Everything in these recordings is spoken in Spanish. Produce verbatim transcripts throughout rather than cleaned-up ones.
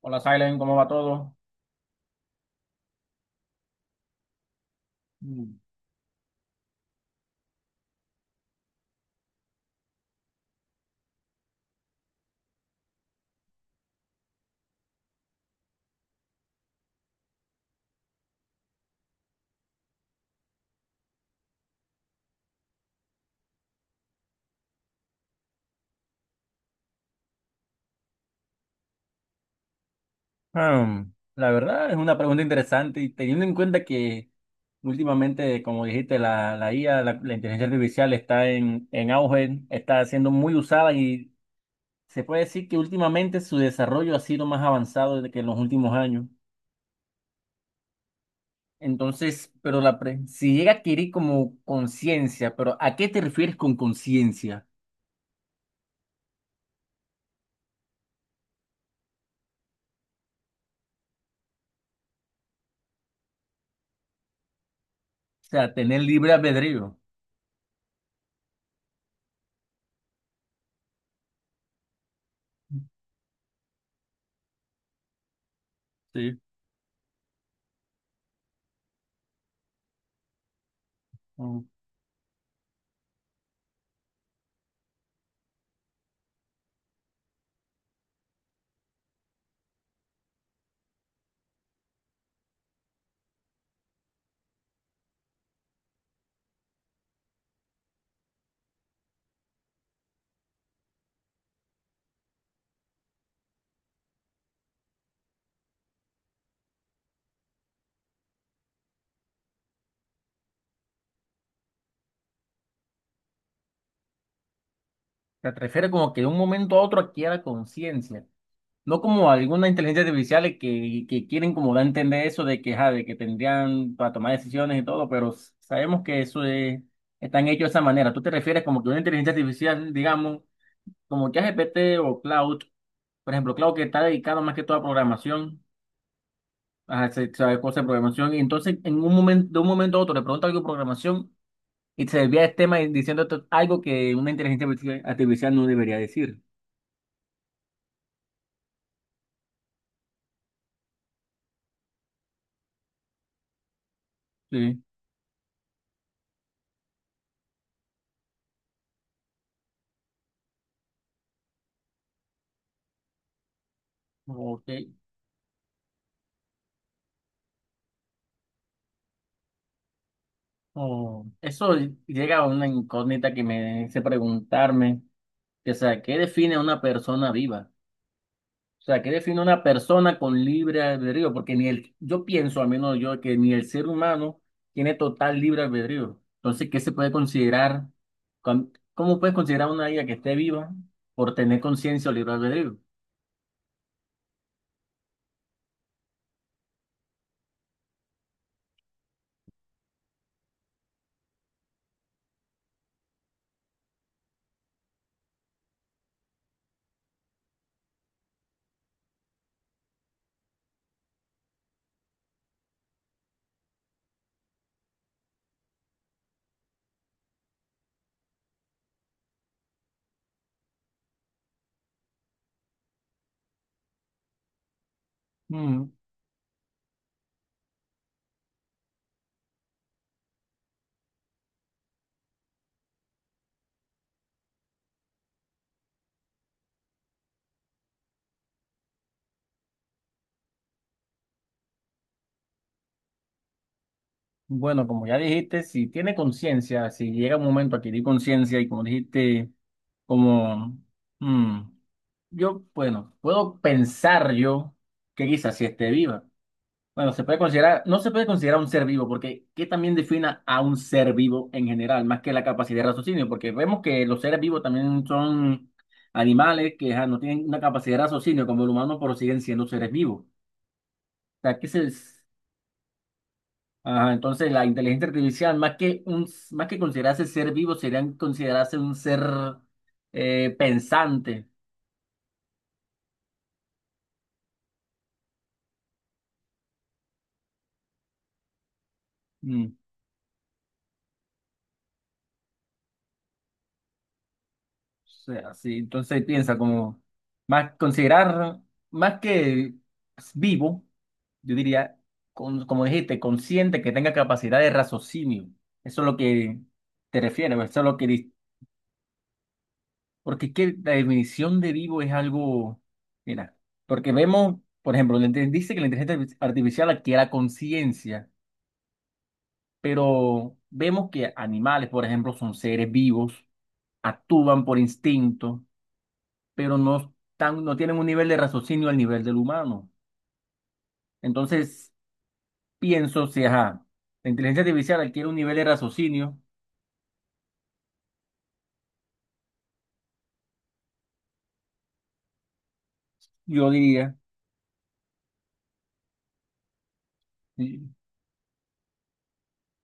Hola, Silent, ¿cómo va todo? Mm. Ah, la verdad es una pregunta interesante y teniendo en cuenta que últimamente, como dijiste, la, la I A, la, la inteligencia artificial está en, en auge, está siendo muy usada y se puede decir que últimamente su desarrollo ha sido más avanzado de que en los últimos años. Entonces, pero la pre- si llega a adquirir como conciencia, pero ¿a qué te refieres con conciencia? O sea, tener libre albedrío. Sí. Mm. ¿Te refieres como que de un momento a otro adquiera conciencia? No como alguna inteligencia artificial que, que quieren como dar a entender eso de que, ajá, de que tendrían para tomar decisiones y todo, pero s- sabemos que eso es, están hechos de esa manera. ¿Tú te refieres como que una inteligencia artificial, digamos, como ChatGPT o Cloud, por ejemplo, Cloud que está dedicado más que todo a programación, a hacer- saber cosas de programación, y entonces en un momento, de un momento a otro le pregunta algo de programación y se desvía el tema y diciendo algo que una inteligencia artificial artificial no debería decir. Sí. Ok. Oh, eso llega a una incógnita que me hace preguntarme, que, o sea, ¿qué define a una persona viva? O sea, ¿qué define a una persona con libre albedrío? Porque ni el, yo pienso, al menos yo, que ni el ser humano tiene total libre albedrío. Entonces, ¿qué se puede considerar? cuan- ¿Cómo puedes considerar a una vida que esté viva por tener conciencia o libre albedrío? Mm. Bueno, como ya dijiste, si tiene conciencia, si llega un momento a adquirir conciencia y como dijiste, como... mm, yo, bueno, puedo pensar yo que quizás si esté viva. Bueno, se puede considerar, no se puede considerar un ser vivo, porque ¿qué también defina a un ser vivo en general, más que la capacidad de raciocinio? Porque vemos que los seres vivos también son animales que ajá, no tienen una capacidad de raciocinio como el humano, pero siguen siendo seres vivos. O sea, ¿qué se- ajá, entonces la inteligencia artificial, más que un, más que considerarse ser vivo, serían considerarse un ser eh, pensante. Mm. Sea, sí, entonces piensa como más considerar más que vivo, yo diría, con- como dijiste, consciente que tenga capacidad de raciocinio. Eso es lo que te refieres, eso es lo que di- porque es que la definición de vivo es algo, mira, porque vemos, por ejemplo, la inte- dice que la inteligencia artificial adquiere conciencia, pero vemos que animales, por ejemplo, son seres vivos, actúan por instinto pero no, tan, no tienen un nivel de raciocinio al nivel del humano. Entonces, pienso, si ajá, la inteligencia artificial adquiere un nivel de raciocinio, yo diría, y,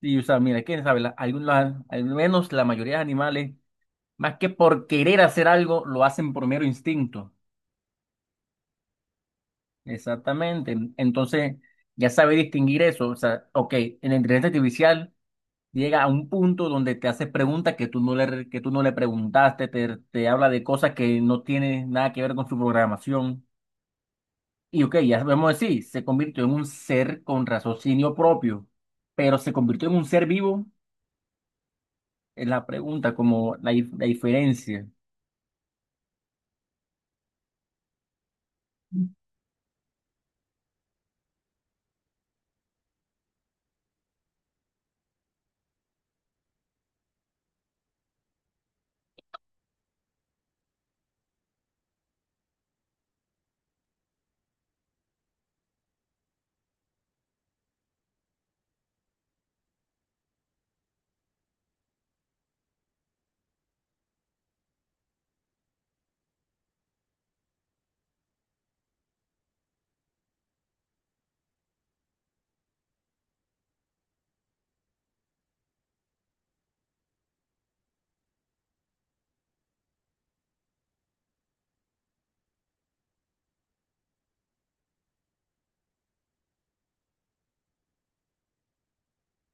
y, o sea, mira, quién sabe, la- algunos- al menos la mayoría de animales, más que por querer hacer algo, lo hacen por mero instinto. Exactamente. Entonces, ya sabe distinguir eso. O sea, ok, en la inteligencia artificial. Llega a un punto donde te hace preguntas que tú no le, que tú no le preguntaste, te, te habla de cosas que no tienen nada que ver con su programación. Y ok, ya sabemos decir, se convirtió en un ser con raciocinio propio, pero se convirtió en un ser vivo, es la pregunta, como la, dif- la diferencia.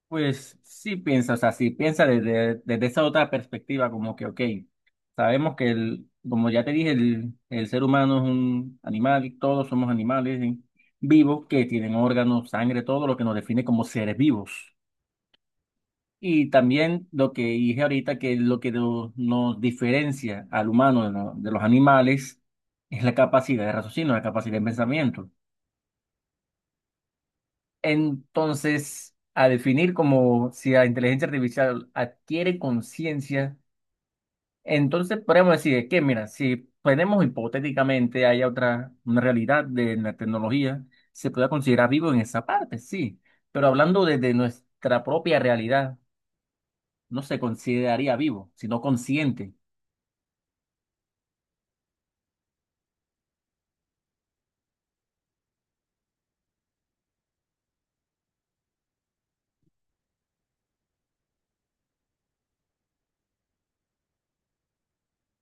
Pues sí piensa, o sea, sí piensa desde, desde esa otra perspectiva, como que, ok, sabemos que el, como ya te dije, el, el ser humano es un animal, todos somos animales ¿sí? Vivos que tienen órganos, sangre, todo lo que nos define como seres vivos. Y también lo que dije ahorita, que lo que no- nos diferencia al humano de, lo- de los animales es la capacidad de raciocinio, la capacidad de pensamiento. Entonces, a definir como si la inteligencia artificial adquiere conciencia, entonces podemos decir que, mira, si tenemos hipotéticamente haya otra una realidad de la tecnología, se puede considerar vivo en esa parte, sí, pero hablando desde nuestra propia realidad, no se consideraría vivo, sino consciente.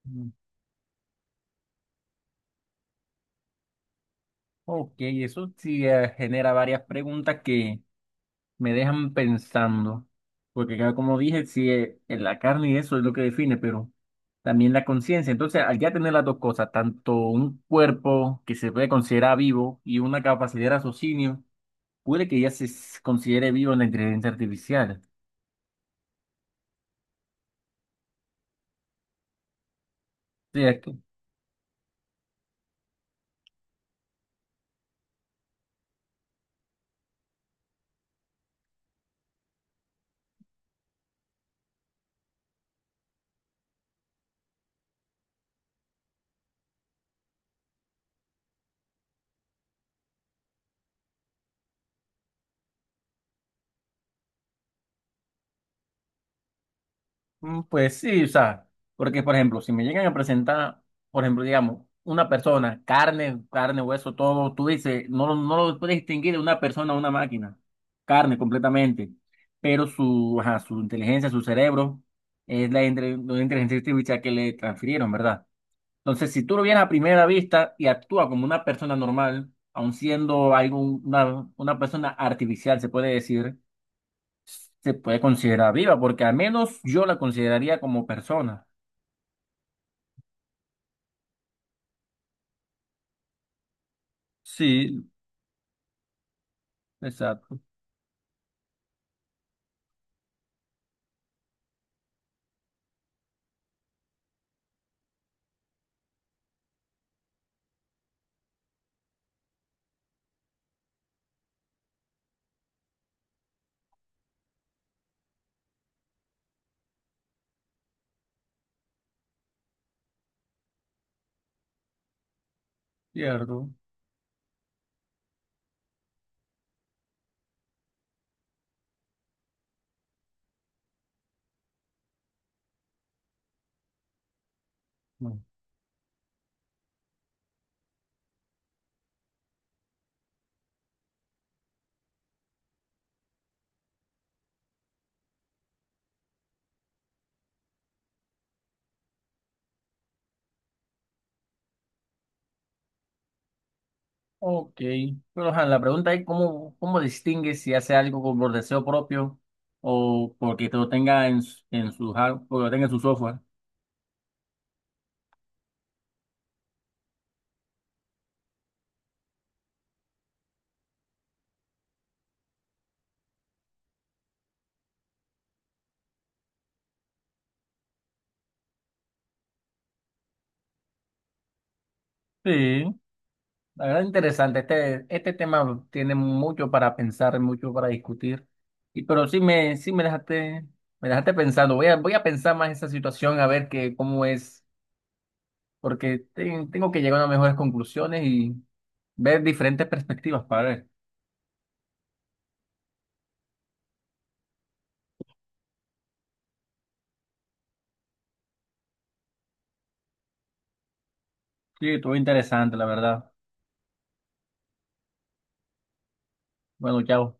Mm. Ok, eso sí eh, genera varias preguntas que me dejan pensando, porque claro, como dije, sí, eh, en la carne y eso es lo que define, pero también la conciencia. Entonces, al ya tener las dos cosas, tanto un cuerpo que se puede considerar vivo y una capacidad de raciocinio, puede que ya se s- considere vivo en la inteligencia artificial, ¿cierto? Mm. Pues sí, o sea, porque por ejemplo, si me llegan a presentar, por ejemplo, digamos, una persona, carne, carne, hueso, todo, tú dices, no, lo- no lo puedes distinguir de una persona a una máquina, carne completamente, pero su, ajá, su inteligencia, su cerebro, es la, entre- la inteligencia artificial que le transfirieron, ¿verdad? Entonces, si tú lo vienes a primera vista y actúa como una persona normal, aun siendo algo, una, una persona artificial, se puede decir, se puede considerar viva, porque al menos yo la consideraría como persona. Sí. Exacto. Cierto. Mm. Ok, pero ajá, la pregunta es cómo, cómo distingues si hace algo con- por deseo propio o porque te lo tenga en, s- en su hard- porque lo tenga en su software. Sí, la verdad interesante. Este, este tema tiene mucho para pensar, mucho para discutir. Y pero sí me, sí me dejaste, me dejaste pensando. Voy a, voy a pensar más esa situación a ver que cómo es. Porque te- tengo que llegar a mejores conclusiones y ver diferentes perspectivas para ver. Sí, estuvo interesante, la verdad. Bueno, chao.